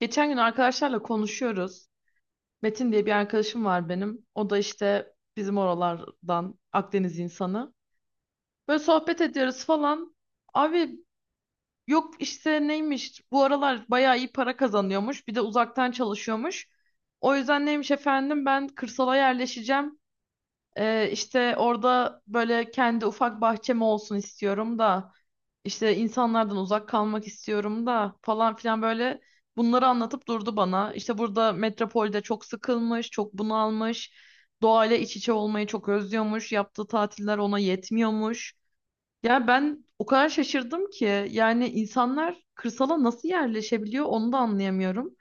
Geçen gün arkadaşlarla konuşuyoruz. Metin diye bir arkadaşım var benim. O da işte bizim oralardan Akdeniz insanı. Böyle sohbet ediyoruz falan. Abi yok işte neymiş bu aralar bayağı iyi para kazanıyormuş. Bir de uzaktan çalışıyormuş. O yüzden neymiş efendim ben kırsala yerleşeceğim. İşte orada böyle kendi ufak bahçem olsun istiyorum da. İşte insanlardan uzak kalmak istiyorum da falan filan böyle bunları anlatıp durdu bana. İşte burada metropolde çok sıkılmış, çok bunalmış, doğayla iç içe olmayı çok özlüyormuş, yaptığı tatiller ona yetmiyormuş. Ya ben o kadar şaşırdım ki yani insanlar kırsala nasıl yerleşebiliyor onu da anlayamıyorum.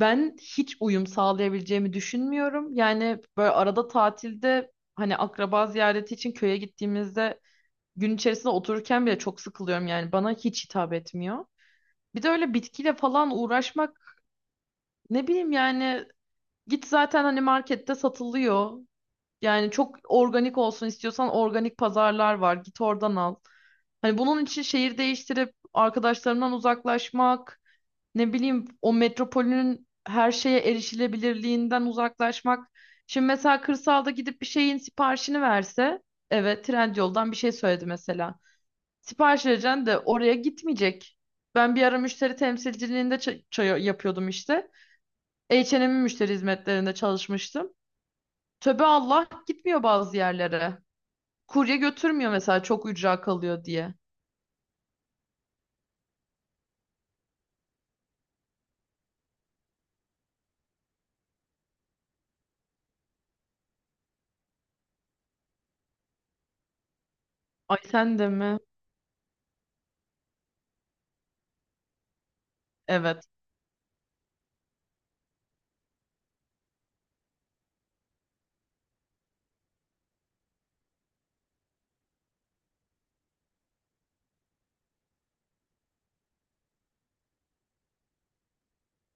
Ben hiç uyum sağlayabileceğimi düşünmüyorum. Yani böyle arada tatilde hani akraba ziyareti için köye gittiğimizde gün içerisinde otururken bile çok sıkılıyorum yani bana hiç hitap etmiyor. Bir de öyle bitkiyle falan uğraşmak, ne bileyim yani, git zaten hani markette satılıyor. Yani çok organik olsun istiyorsan organik pazarlar var, git oradan al. Hani bunun için şehir değiştirip arkadaşlarımdan uzaklaşmak, ne bileyim, o metropolün her şeye erişilebilirliğinden uzaklaşmak. Şimdi mesela kırsalda gidip bir şeyin siparişini verse, evet, Trendyol'dan bir şey söyledi mesela. Sipariş vereceksin de oraya gitmeyecek. Ben bir ara müşteri temsilciliğinde çay yapıyordum işte. H&M'in müşteri hizmetlerinde çalışmıştım. Töbe Allah, gitmiyor bazı yerlere. Kurye götürmüyor mesela, çok ücra kalıyor diye. Ay, sen de mi? Evet.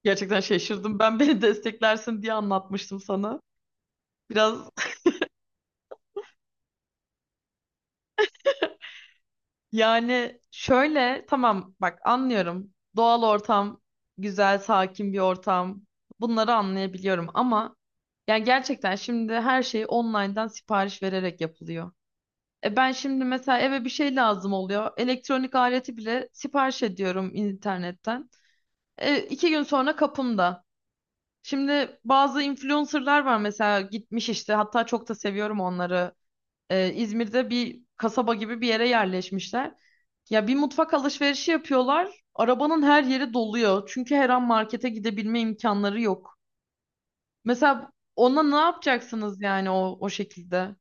Gerçekten şaşırdım. Ben beni desteklersin diye anlatmıştım sana. Biraz. Yani şöyle, tamam, bak, anlıyorum. Doğal ortam, güzel, sakin bir ortam. Bunları anlayabiliyorum ama, yani, gerçekten şimdi her şey online'dan sipariş vererek yapılıyor. Ben şimdi mesela eve bir şey lazım oluyor. Elektronik aleti bile sipariş ediyorum internetten. İki gün sonra kapımda. Şimdi bazı influencerlar var mesela gitmiş işte, hatta çok da seviyorum onları. İzmir'de bir kasaba gibi bir yere yerleşmişler. Ya bir mutfak alışverişi yapıyorlar. Arabanın her yeri doluyor. Çünkü her an markete gidebilme imkanları yok. Mesela ona ne yapacaksınız yani o şekilde?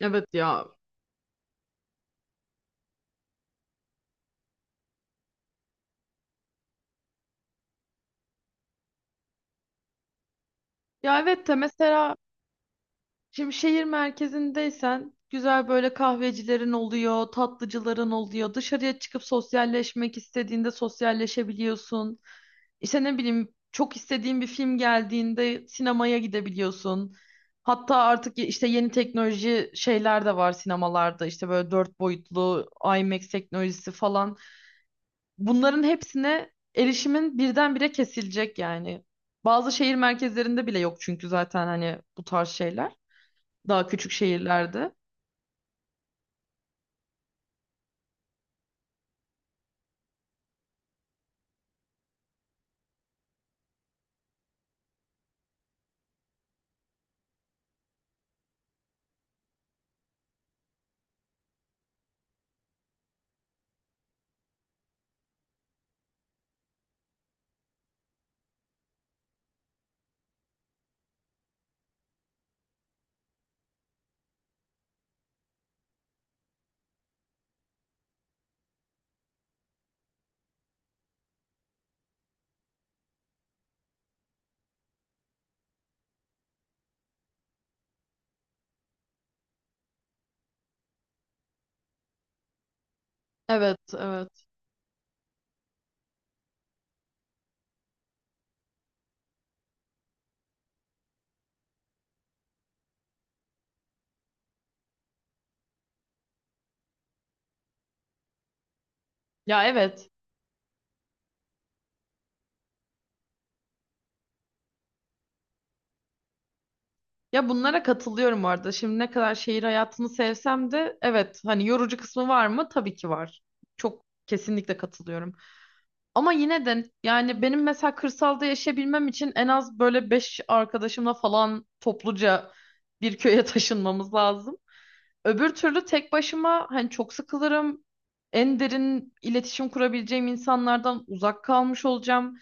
Evet ya. Ya evet de mesela şimdi şehir merkezindeysen güzel böyle kahvecilerin oluyor, tatlıcıların oluyor. Dışarıya çıkıp sosyalleşmek istediğinde sosyalleşebiliyorsun. İşte ne bileyim, çok istediğin bir film geldiğinde sinemaya gidebiliyorsun. Hatta artık işte yeni teknoloji şeyler de var sinemalarda, işte böyle dört boyutlu IMAX teknolojisi falan. Bunların hepsine erişimin birdenbire kesilecek yani. Bazı şehir merkezlerinde bile yok çünkü, zaten hani bu tarz şeyler. Daha küçük şehirlerde. Evet, evet. Ya evet. Ya bunlara katılıyorum bu arada. Şimdi ne kadar şehir hayatını sevsem de, evet, hani yorucu kısmı var mı? Tabii ki var. Çok kesinlikle katılıyorum. Ama yine de yani benim mesela kırsalda yaşayabilmem için en az böyle beş arkadaşımla falan topluca bir köye taşınmamız lazım. Öbür türlü tek başıma hani çok sıkılırım. En derin iletişim kurabileceğim insanlardan uzak kalmış olacağım.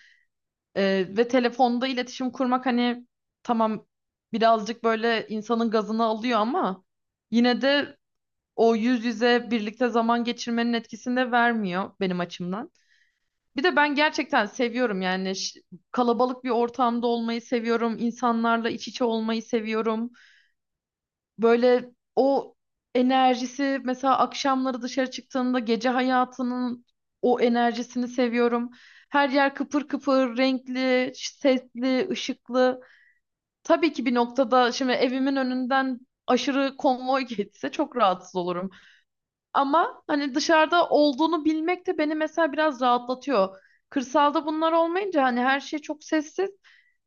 Ve telefonda iletişim kurmak hani, tamam, birazcık böyle insanın gazını alıyor ama yine de o yüz yüze birlikte zaman geçirmenin etkisini de vermiyor benim açımdan. Bir de ben gerçekten seviyorum yani kalabalık bir ortamda olmayı seviyorum, insanlarla iç içe olmayı seviyorum. Böyle o enerjisi, mesela akşamları dışarı çıktığımda gece hayatının o enerjisini seviyorum. Her yer kıpır kıpır, renkli, sesli, ışıklı. Tabii ki bir noktada şimdi evimin önünden aşırı konvoy geçse çok rahatsız olurum. Ama hani dışarıda olduğunu bilmek de beni mesela biraz rahatlatıyor. Kırsalda bunlar olmayınca hani her şey çok sessiz.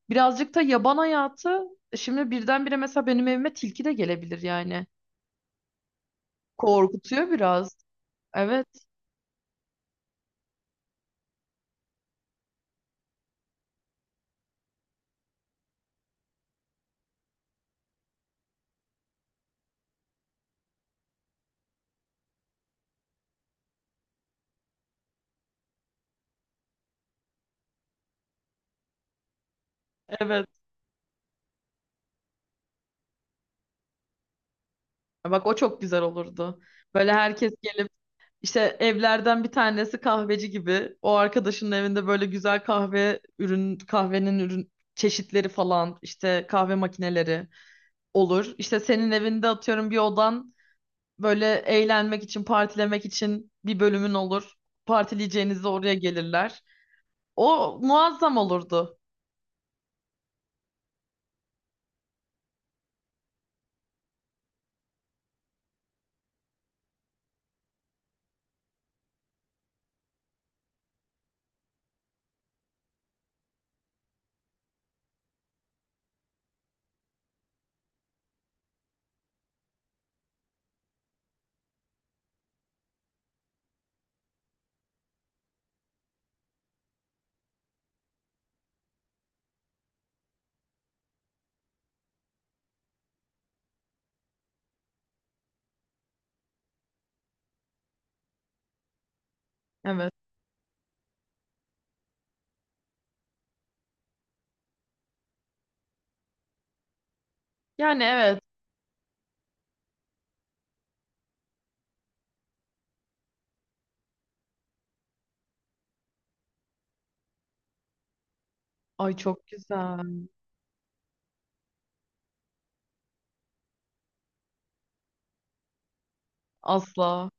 Birazcık da yaban hayatı. Şimdi birdenbire mesela benim evime tilki de gelebilir yani. Korkutuyor biraz. Evet. Evet. Bak, o çok güzel olurdu. Böyle herkes gelip işte, evlerden bir tanesi kahveci gibi. O arkadaşının evinde böyle güzel kahvenin ürün çeşitleri falan, işte kahve makineleri olur. İşte senin evinde atıyorum bir odan, böyle eğlenmek için, partilemek için bir bölümün olur. Partileyeceğinizde oraya gelirler. O muazzam olurdu. Evet. Yani evet. Ay çok güzel. Asla.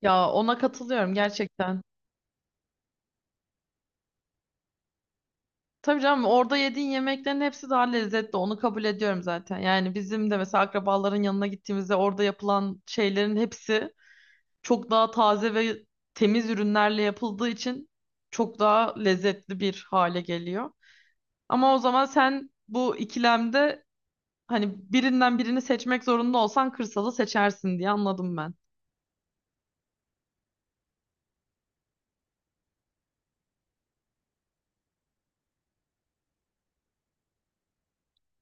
Ya ona katılıyorum gerçekten. Tabii canım, orada yediğin yemeklerin hepsi daha lezzetli. Onu kabul ediyorum zaten. Yani bizim de mesela akrabaların yanına gittiğimizde orada yapılan şeylerin hepsi çok daha taze ve temiz ürünlerle yapıldığı için çok daha lezzetli bir hale geliyor. Ama o zaman sen bu ikilemde, hani birinden birini seçmek zorunda olsan, kırsalı seçersin diye anladım ben.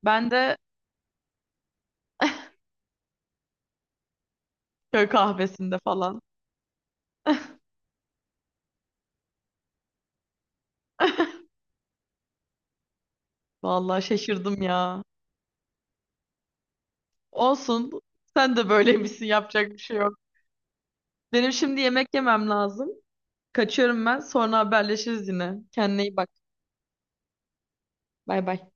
Ben de köy kahvesinde falan. Vallahi şaşırdım ya. Olsun. Sen de böyleymişsin. Yapacak bir şey yok. Benim şimdi yemek yemem lazım. Kaçıyorum ben. Sonra haberleşiriz yine. Kendine iyi bak. Bay bay.